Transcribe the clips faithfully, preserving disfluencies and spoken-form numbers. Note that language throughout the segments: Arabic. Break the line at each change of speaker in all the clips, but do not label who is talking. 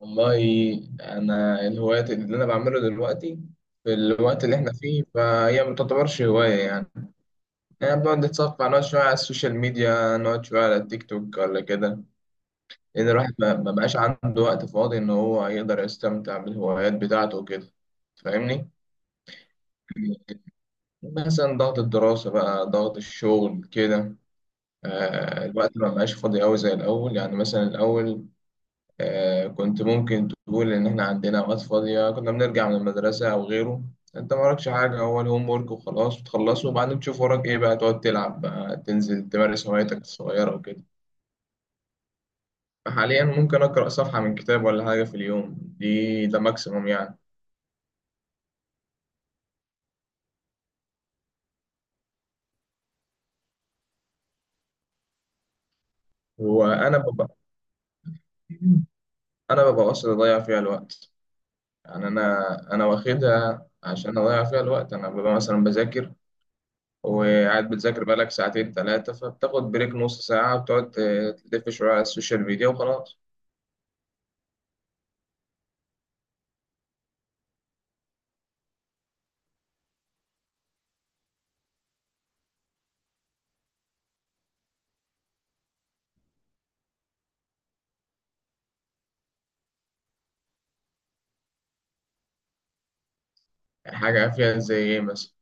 والله، انا الهوايات اللي انا بعمله دلوقتي في الوقت اللي احنا فيه فهي ما تعتبرش هوايه يعني. انا بقعد اتصفح، نقعد شويه على السوشيال ميديا، نقعد شويه على التيك توك ولا كده، لان الواحد ما ما بقاش عنده وقت فاضي ان هو يقدر يستمتع بالهوايات بتاعته وكده. فاهمني؟ مثلا ضغط الدراسه بقى، ضغط الشغل كده. آه، الوقت ما بقاش فاضي قوي زي الاول يعني. مثلا الاول، آه، كنت ممكن تقول إن إحنا عندنا أوقات فاضية، كنا بنرجع من المدرسة أو غيره، أنت ما وراكش حاجة، هو الهوم ورك وخلاص، بتخلصه وبعدين تشوف وراك إيه بقى، تقعد تلعب بقى، تنزل تمارس هوايتك الصغيرة وكده. حاليا ممكن أقرأ صفحة من كتاب ولا حاجة في اليوم، دي ده ماكسيموم يعني. وأنا ببقى أنا ببقى قصدي أضيع فيها الوقت، يعني أنا أنا واخدها عشان أضيع فيها الوقت. أنا ببقى مثلا بذاكر، وقاعد بتذاكر بقالك ساعتين ثلاثة، فبتاخد بريك نص ساعة، بتقعد آه، تلف شوية على السوشيال ميديا وخلاص. يعني حاجة فيها زي إيه مثلا؟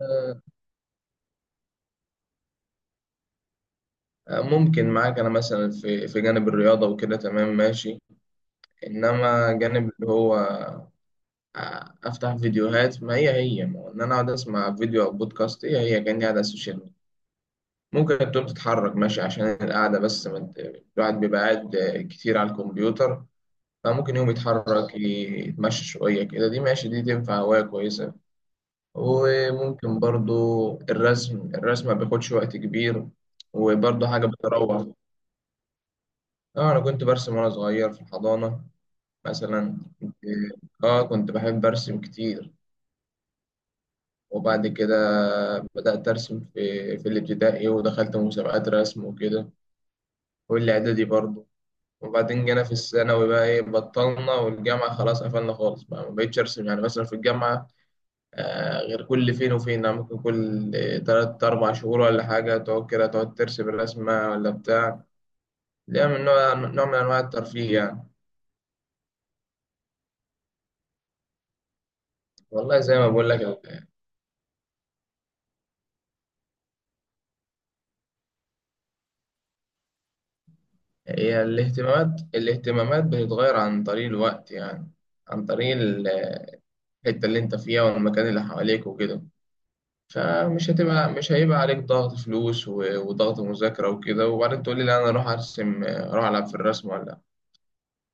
آه، آه، ممكن معاك أنا مثلا في في جانب الرياضة وكده، تمام ماشي. إنما جانب اللي هو آه، أفتح فيديوهات، ما هي هي ما هو إن أنا أقعد أسمع فيديو أو بودكاست، هي هي كأني قاعد على السوشيال ميديا. ممكن تقوم تتحرك ماشي عشان القعدة، بس ما ت- الواحد بيبقى قاعد آه، كتير على الكمبيوتر، فممكن يوم يتحرك يتمشى شوية كده، دي ماشي، دي تنفع هواية كويسة. وممكن برضو الرسم الرسم ما بياخدش وقت كبير، وبرضو حاجة بتروح. اه، أنا كنت برسم وأنا صغير في الحضانة. مثلا كنت، اه، كنت بحب أرسم كتير، وبعد كده بدأت أرسم في, في الابتدائي، ودخلت مسابقات رسم وكده، والإعدادي برضو. وبعدين جينا في الثانوي بقى إيه، بطلنا، والجامعة خلاص قفلنا خالص، بقى ما بقتش أرسم. يعني مثلا في الجامعة، آه، غير كل فين وفين يعني، ممكن كل تلات أربع شهور ولا حاجة، تقعد كده تقعد ترسم الرسمة ولا بتاع، ليها من نوع نوع من أنواع الترفيه يعني. والله زي ما بقول لك ال- هي الاهتمامات، الاهتمامات بتتغير عن طريق الوقت يعني، عن طريق ال- الحتة اللي أنت فيها والمكان اللي حواليك وكده. فمش هتبقى، مش هيبقى عليك ضغط فلوس و- وضغط مذاكرة وكده، وبعدين تقول لي لا أنا أروح أرسم، أروح ألعب في الرسم ولا.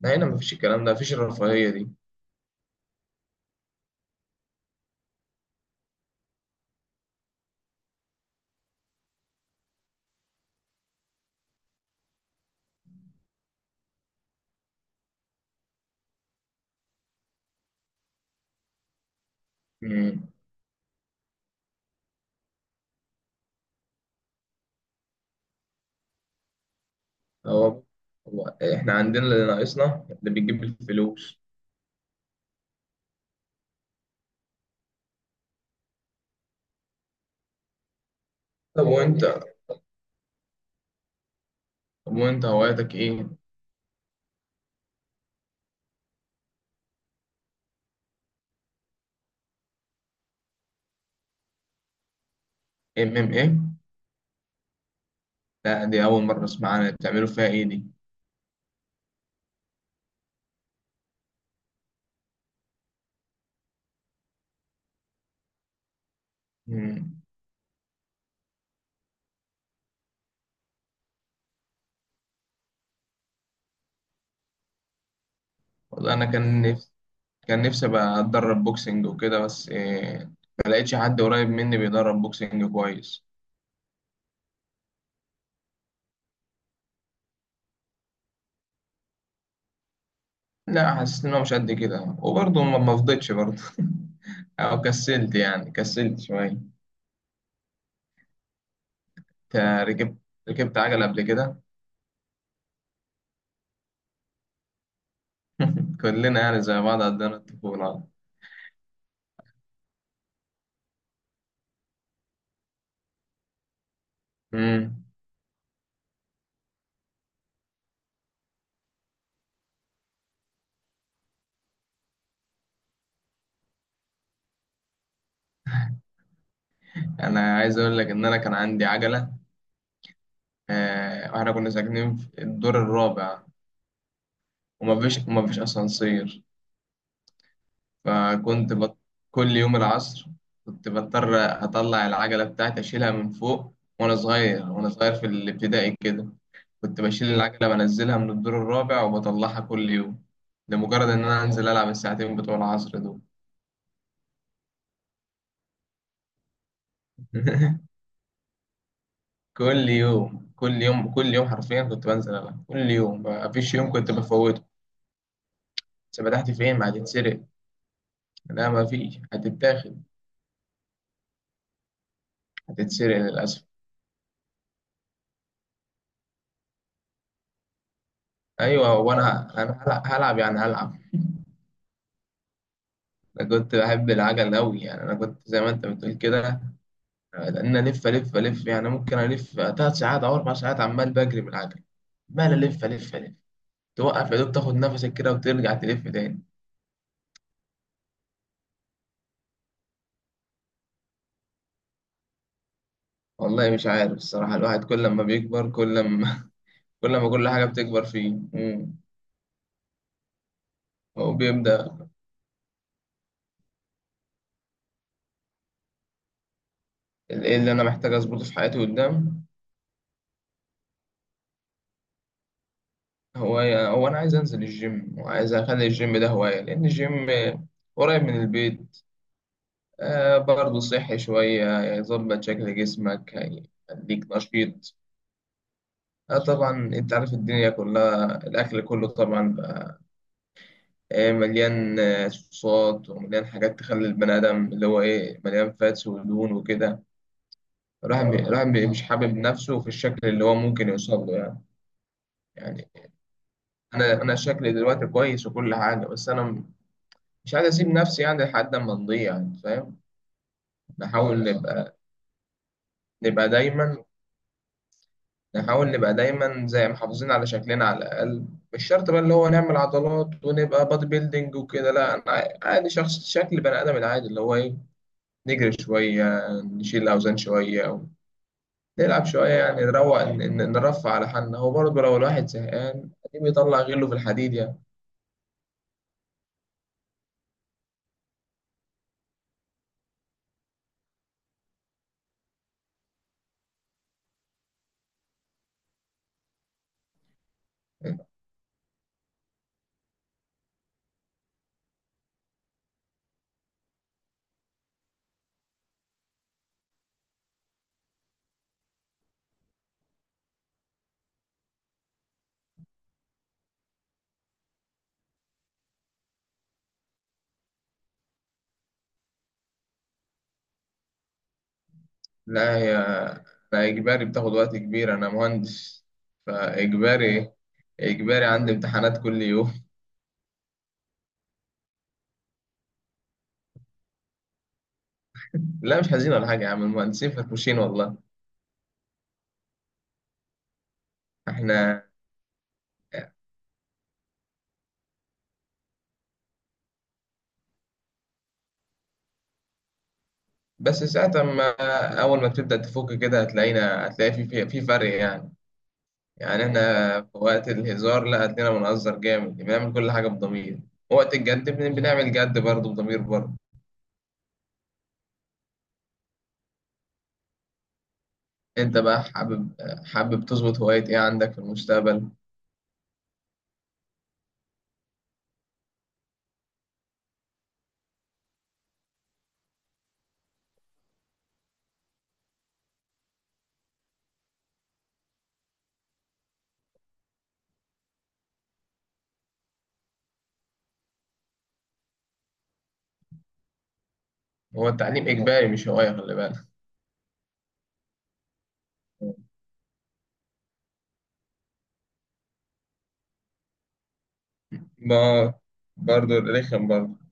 لا، هنا مفيش الكلام ده، مفيش الرفاهية دي. هو هو احنا عندنا اللي ناقصنا اللي بيجيب الفلوس. طب وانت، طب وانت هواياتك ايه؟ ام ام ايه؟ لا، دي اول مره اسمع عنها. بتعملوا فيها ايه دي؟ مم. والله انا كان نفسي، كان نفسي ابقى اتدرب بوكسنج وكده، بس إيه، ما لقيتش حد قريب مني بيدرب بوكسنج كويس. لا، حسيت ان هو مش قد كده، وبرضه ما ما فضيتش برضه او كسلت يعني، كسلت شويه. انت ركبت، ركبت عجله قبل كده؟ كلنا يعني زي بعض عندنا الطفوله. مم. انا عايز اقول لك ان انا كان عندي عجله، آه، واحنا كنا ساكنين في الدور الرابع، وما فيش وما فيش اسانسير. فكنت بط... كل يوم العصر كنت بضطر اطلع العجله بتاعتي، اشيلها من فوق، وانا صغير، وانا صغير في الابتدائي كده. كنت بشيل العجله، بنزلها من الدور الرابع وبطلعها كل يوم، لمجرد ان انا انزل العب الساعتين بتوع العصر دول. كل يوم، كل يوم، كل يوم، حرفيا كنت بنزل العب كل يوم، ما فيش يوم كنت بفوته. سبتحتي فين، ما هتتسرق؟ لا، ما فيش، هتتاخد، هتتسرق للأسف. أيوة، وأنا أنا أنا هلع- هلعب يعني، هلعب. أنا كنت بحب العجل أوي يعني، أنا كنت زي ما أنت بتقول كده، لأن ألف ألف ألف يعني، ممكن ألف تلات ساعات أو أربع ساعات، عمال بجري بالعجل، عمال ألف ألف ألف، توقف يا دوب تاخد نفسك كده وترجع تلف تاني. والله مش عارف الصراحة، الواحد كل ما بيكبر، كل ما كل ما كل حاجة بتكبر فيه. مم. هو بيبدأ. إيه اللي أنا محتاج أظبطه في حياتي قدام؟ هواية، هو أنا عايز أنزل الجيم، وعايز أخلي الجيم ده هواية، لأن الجيم قريب من البيت. آه، برضه صحي شوية، يظبط شكل جسمك، هيخليك نشيط. آه طبعا، أنت عارف الدنيا كلها، الأكل كله طبعا بقى آه مليان، آه، صوصات، ومليان حاجات تخلي البني آدم اللي هو إيه، مليان فاتس ودهون وكده. الواحد بي- الواحد بي- مش حابب نفسه في الشكل اللي هو ممكن يوصل له يعني. يعني أنا أنا شكلي دلوقتي كويس وكل حاجة، بس أنا مش عايز اسيب نفسي يعني لحد ما نضيع يعني، فاهم؟ اه. نحاول لا نبقى نبقى دايما، نحاول نبقى دايما زي محافظين على شكلنا على الاقل. مش شرط بقى اللي هو نعمل عضلات ونبقى بادي بيلدينج وكده، لا، انا عادي، شخص شكل بني ادم العادي اللي هو ايه، نجري شويه، نشيل اوزان شويه، نلعب شويه يعني، نروق، ن- ن- نرفع على حالنا. هو برضه لو الواحد زهقان أكيد بيطلع غله في الحديد يعني. لا، هي أنا إجباري بتاخد وقت كبير، أنا مهندس فإجباري، إجباري عندي امتحانات كل يوم. لا، مش حزين ولا حاجة يا عم، المهندسين فرفوشين والله. إحنا بس ساعة ما، أول ما تبدأ تفك كده، هتلاقينا، هتلاقي في في في فرق يعني. يعني إحنا في وقت الهزار لا، هتلاقينا بنهزر جامد، بنعمل كل حاجة بضمير، وقت الجد بن- بنعمل جد برضه بضمير برضه. أنت بقى حابب، حابب تظبط هواية إيه عندك في المستقبل؟ هو التعليم إجباري مش هواية، خلي بالك. ما برضه رخم برضه.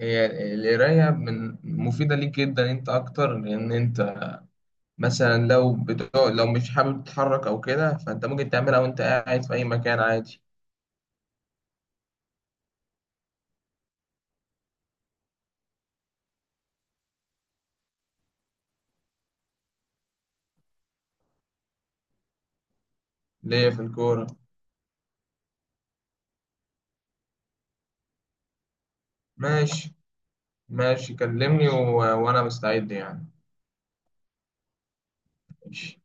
هي القراية من مفيدة ليك جدا انت اكتر، لان انت مثلا لو بتقعد، لو مش حابب تتحرك او كده، فانت ممكن تعملها وانت قاعد في اي مكان عادي. ليا في الكورة؟ ماشي. ماشي كلمني، و... وانا مستعد يعني. ماشي.